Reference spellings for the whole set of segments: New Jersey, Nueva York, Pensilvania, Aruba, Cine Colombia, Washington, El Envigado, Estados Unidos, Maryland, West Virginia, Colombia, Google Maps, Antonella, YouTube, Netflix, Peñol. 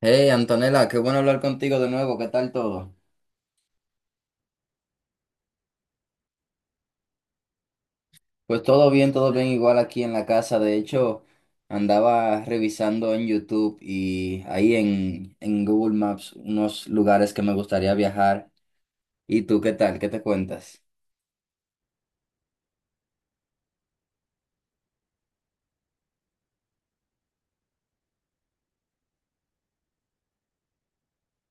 Hey, Antonella, qué bueno hablar contigo de nuevo. ¿Qué tal todo? Pues todo bien, igual aquí en la casa. De hecho, andaba revisando en YouTube y ahí en Google Maps unos lugares que me gustaría viajar. ¿Y tú qué tal? ¿Qué te cuentas?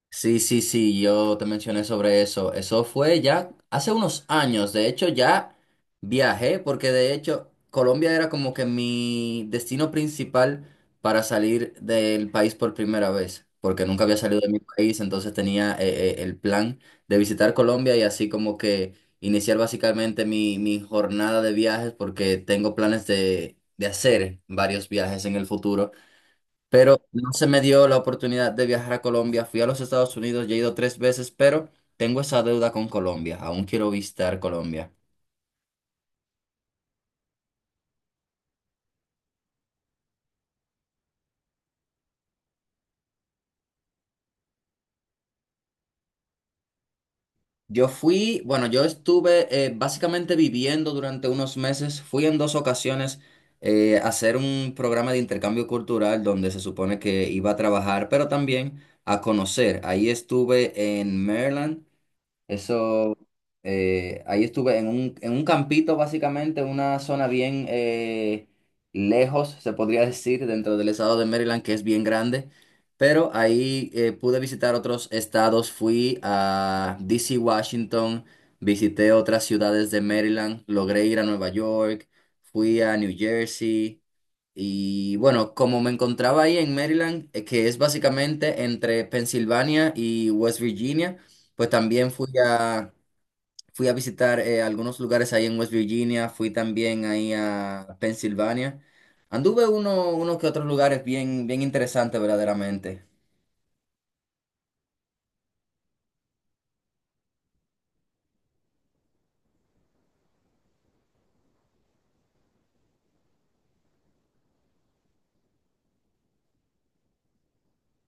Sí, sí, sí, yo te mencioné sobre eso. Eso fue ya hace unos años. De hecho, ya viajé porque de hecho Colombia era como que mi destino principal para salir del país por primera vez, porque nunca había salido de mi país, entonces tenía el plan de visitar Colombia y así como que iniciar básicamente mi jornada de viajes porque tengo planes de hacer varios viajes en el futuro, pero no se me dio la oportunidad de viajar a Colombia. Fui a los Estados Unidos, ya he ido tres veces, pero tengo esa deuda con Colombia. Aún quiero visitar Colombia. Bueno, yo estuve básicamente viviendo durante unos meses. Fui en dos ocasiones a hacer un programa de intercambio cultural donde se supone que iba a trabajar, pero también a conocer. Ahí estuve en Maryland. Eso ahí estuve en un campito, básicamente, una zona bien lejos, se podría decir, dentro del estado de Maryland, que es bien grande. Pero ahí pude visitar otros estados, fui a DC, Washington, visité otras ciudades de Maryland, logré ir a Nueva York, fui a New Jersey. Y bueno, como me encontraba ahí en Maryland, que es básicamente entre Pensilvania y West Virginia, pues también fui a visitar algunos lugares ahí en West Virginia, fui también ahí a Pensilvania. Anduve unos que otros lugares bien, bien interesantes verdaderamente.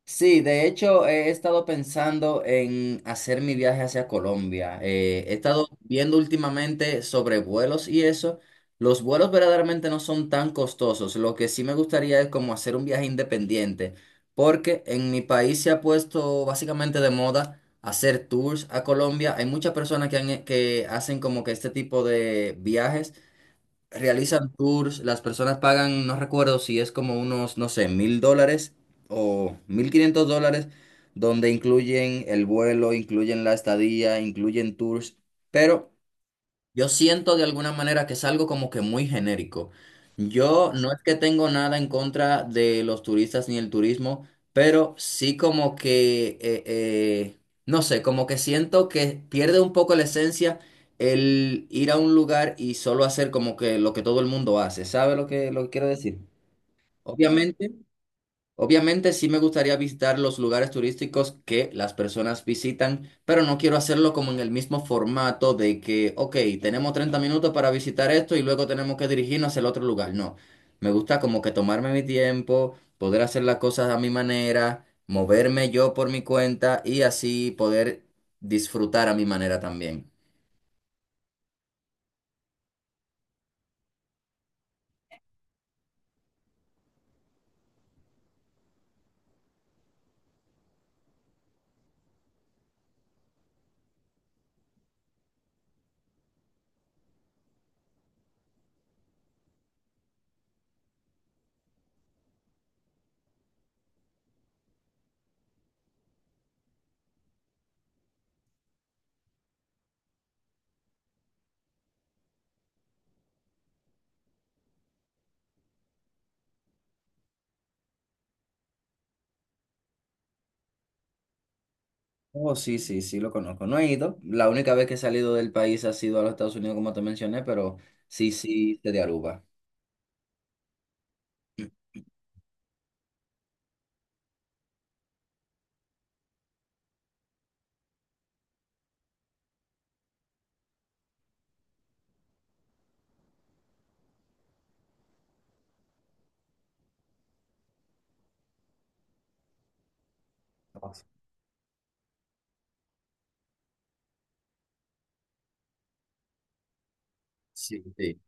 Sí, de hecho he estado pensando en hacer mi viaje hacia Colombia. He estado viendo últimamente sobre vuelos y eso. Los vuelos verdaderamente no son tan costosos. Lo que sí me gustaría es como hacer un viaje independiente, porque en mi país se ha puesto básicamente de moda hacer tours a Colombia. Hay muchas personas que hacen como que este tipo de viajes realizan tours, las personas pagan, no recuerdo si es como unos, no sé, $1,000 o $1,500, donde incluyen el vuelo, incluyen la estadía, incluyen tours, pero yo siento de alguna manera que es algo como que muy genérico. Yo no es que tengo nada en contra de los turistas ni el turismo, pero sí como que, no sé, como que siento que pierde un poco la esencia el ir a un lugar y solo hacer como que lo que todo el mundo hace. ¿Sabe lo que quiero decir? Obviamente. Obviamente sí me gustaría visitar los lugares turísticos que las personas visitan, pero no quiero hacerlo como en el mismo formato de que, ok, tenemos 30 minutos para visitar esto y luego tenemos que dirigirnos hacia el otro lugar. No, me gusta como que tomarme mi tiempo, poder hacer las cosas a mi manera, moverme yo por mi cuenta y así poder disfrutar a mi manera también. Oh, sí, sí, sí, lo conozco. No he ido. La única vez que he salido del país ha sido a los Estados Unidos, como te mencioné, pero sí, sí, de Aruba. Sí, sí,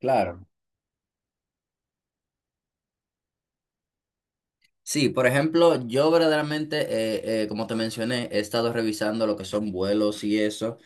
claro. Sí, por ejemplo, yo verdaderamente, como te mencioné, he estado revisando lo que son vuelos y eso,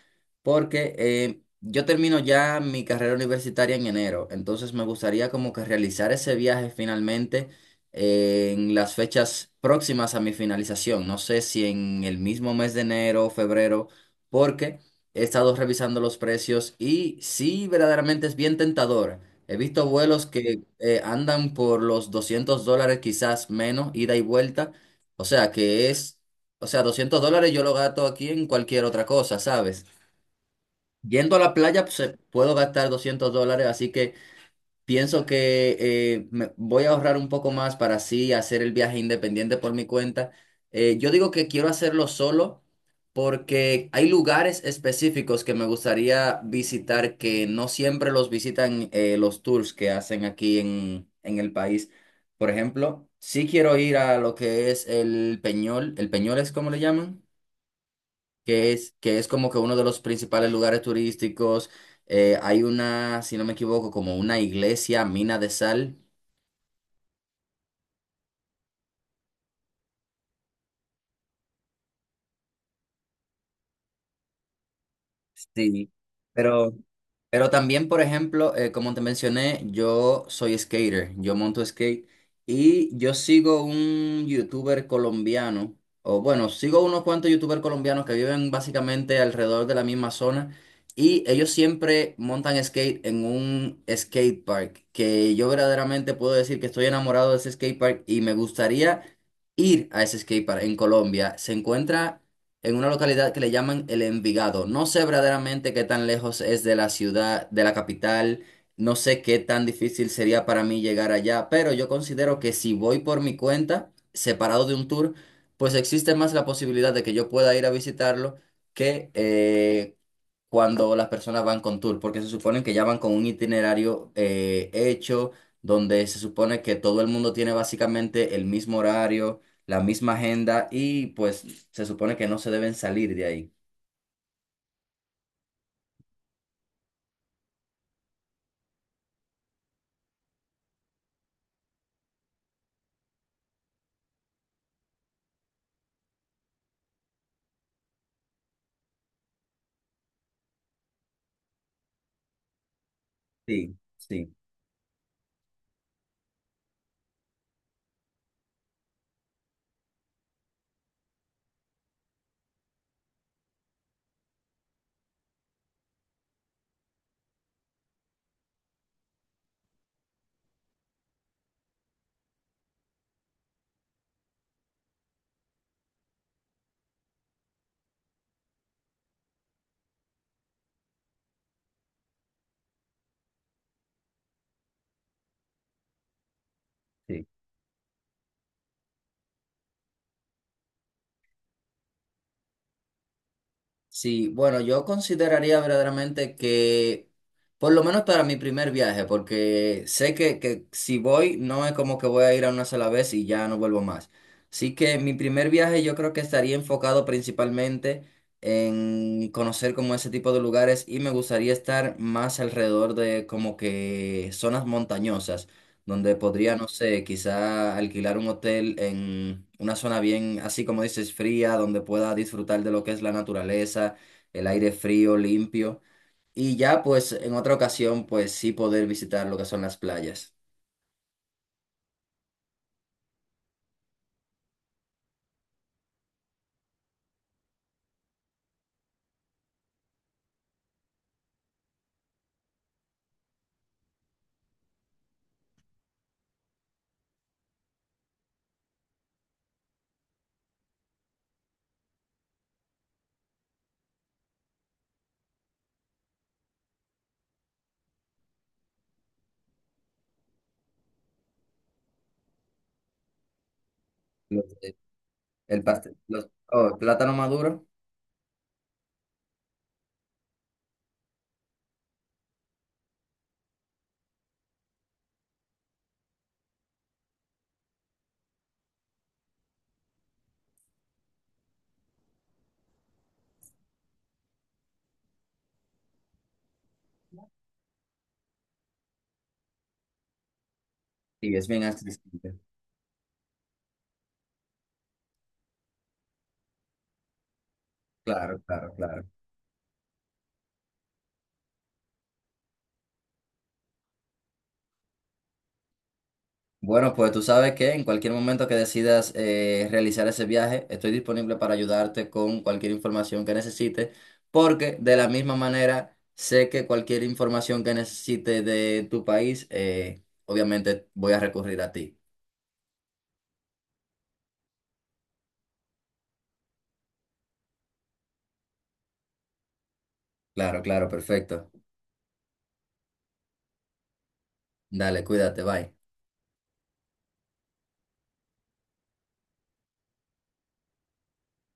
porque yo termino ya mi carrera universitaria en enero, entonces me gustaría como que realizar ese viaje finalmente en las fechas próximas a mi finalización, no sé si en el mismo mes de enero o febrero, porque he estado revisando los precios y sí, verdaderamente es bien tentador. He visto vuelos que andan por los $200, quizás menos, ida y vuelta. O sea, que es, o sea, $200 yo lo gasto aquí en cualquier otra cosa, ¿sabes? Yendo a la playa, pues, puedo gastar $200, así que pienso que voy a ahorrar un poco más para así hacer el viaje independiente por mi cuenta. Yo digo que quiero hacerlo solo porque hay lugares específicos que me gustaría visitar que no siempre los visitan los tours que hacen aquí en el país. Por ejemplo, sí quiero ir a lo que es el Peñol. ¿El Peñol es como le llaman? Que es como que uno de los principales lugares turísticos. Hay una, si no me equivoco, como una iglesia, mina de sal. Sí, pero Pero también, por ejemplo, como te mencioné, yo soy skater, yo monto skate y yo sigo un youtuber colombiano, o bueno, sigo unos cuantos youtubers colombianos que viven básicamente alrededor de la misma zona y ellos siempre montan skate en un skate park, que yo verdaderamente puedo decir que estoy enamorado de ese skate park y me gustaría ir a ese skate park en Colombia. Se encuentra en una localidad que le llaman El Envigado. No sé verdaderamente qué tan lejos es de la ciudad, de la capital, no sé qué tan difícil sería para mí llegar allá, pero yo considero que si voy por mi cuenta, separado de un tour, pues existe más la posibilidad de que yo pueda ir a visitarlo que cuando las personas van con tour, porque se supone que ya van con un itinerario hecho, donde se supone que todo el mundo tiene básicamente el mismo horario, la misma agenda y pues se supone que no se deben salir de ahí. Sí, sí, sí. Sí, bueno, yo consideraría verdaderamente que, por lo menos para mi primer viaje, porque sé que si voy, no es como que voy a ir a una sola vez y ya no vuelvo más. Así que mi primer viaje yo creo que estaría enfocado principalmente en conocer como ese tipo de lugares y me gustaría estar más alrededor de como que zonas montañosas, donde podría, no sé, quizá alquilar un hotel en una zona bien, así como dices, fría, donde pueda disfrutar de lo que es la naturaleza, el aire frío, limpio, y ya pues en otra ocasión pues sí poder visitar lo que son las playas. Los- El pastel, el plátano maduro, sí, es bien accesible. Claro, claro, claro. Bueno, pues tú sabes que en cualquier momento que decidas realizar ese viaje, estoy disponible para ayudarte con cualquier información que necesites, porque de la misma manera sé que cualquier información que necesite de tu país, obviamente voy a recurrir a ti. Claro, claro, perfecto. Dale, cuídate, bye.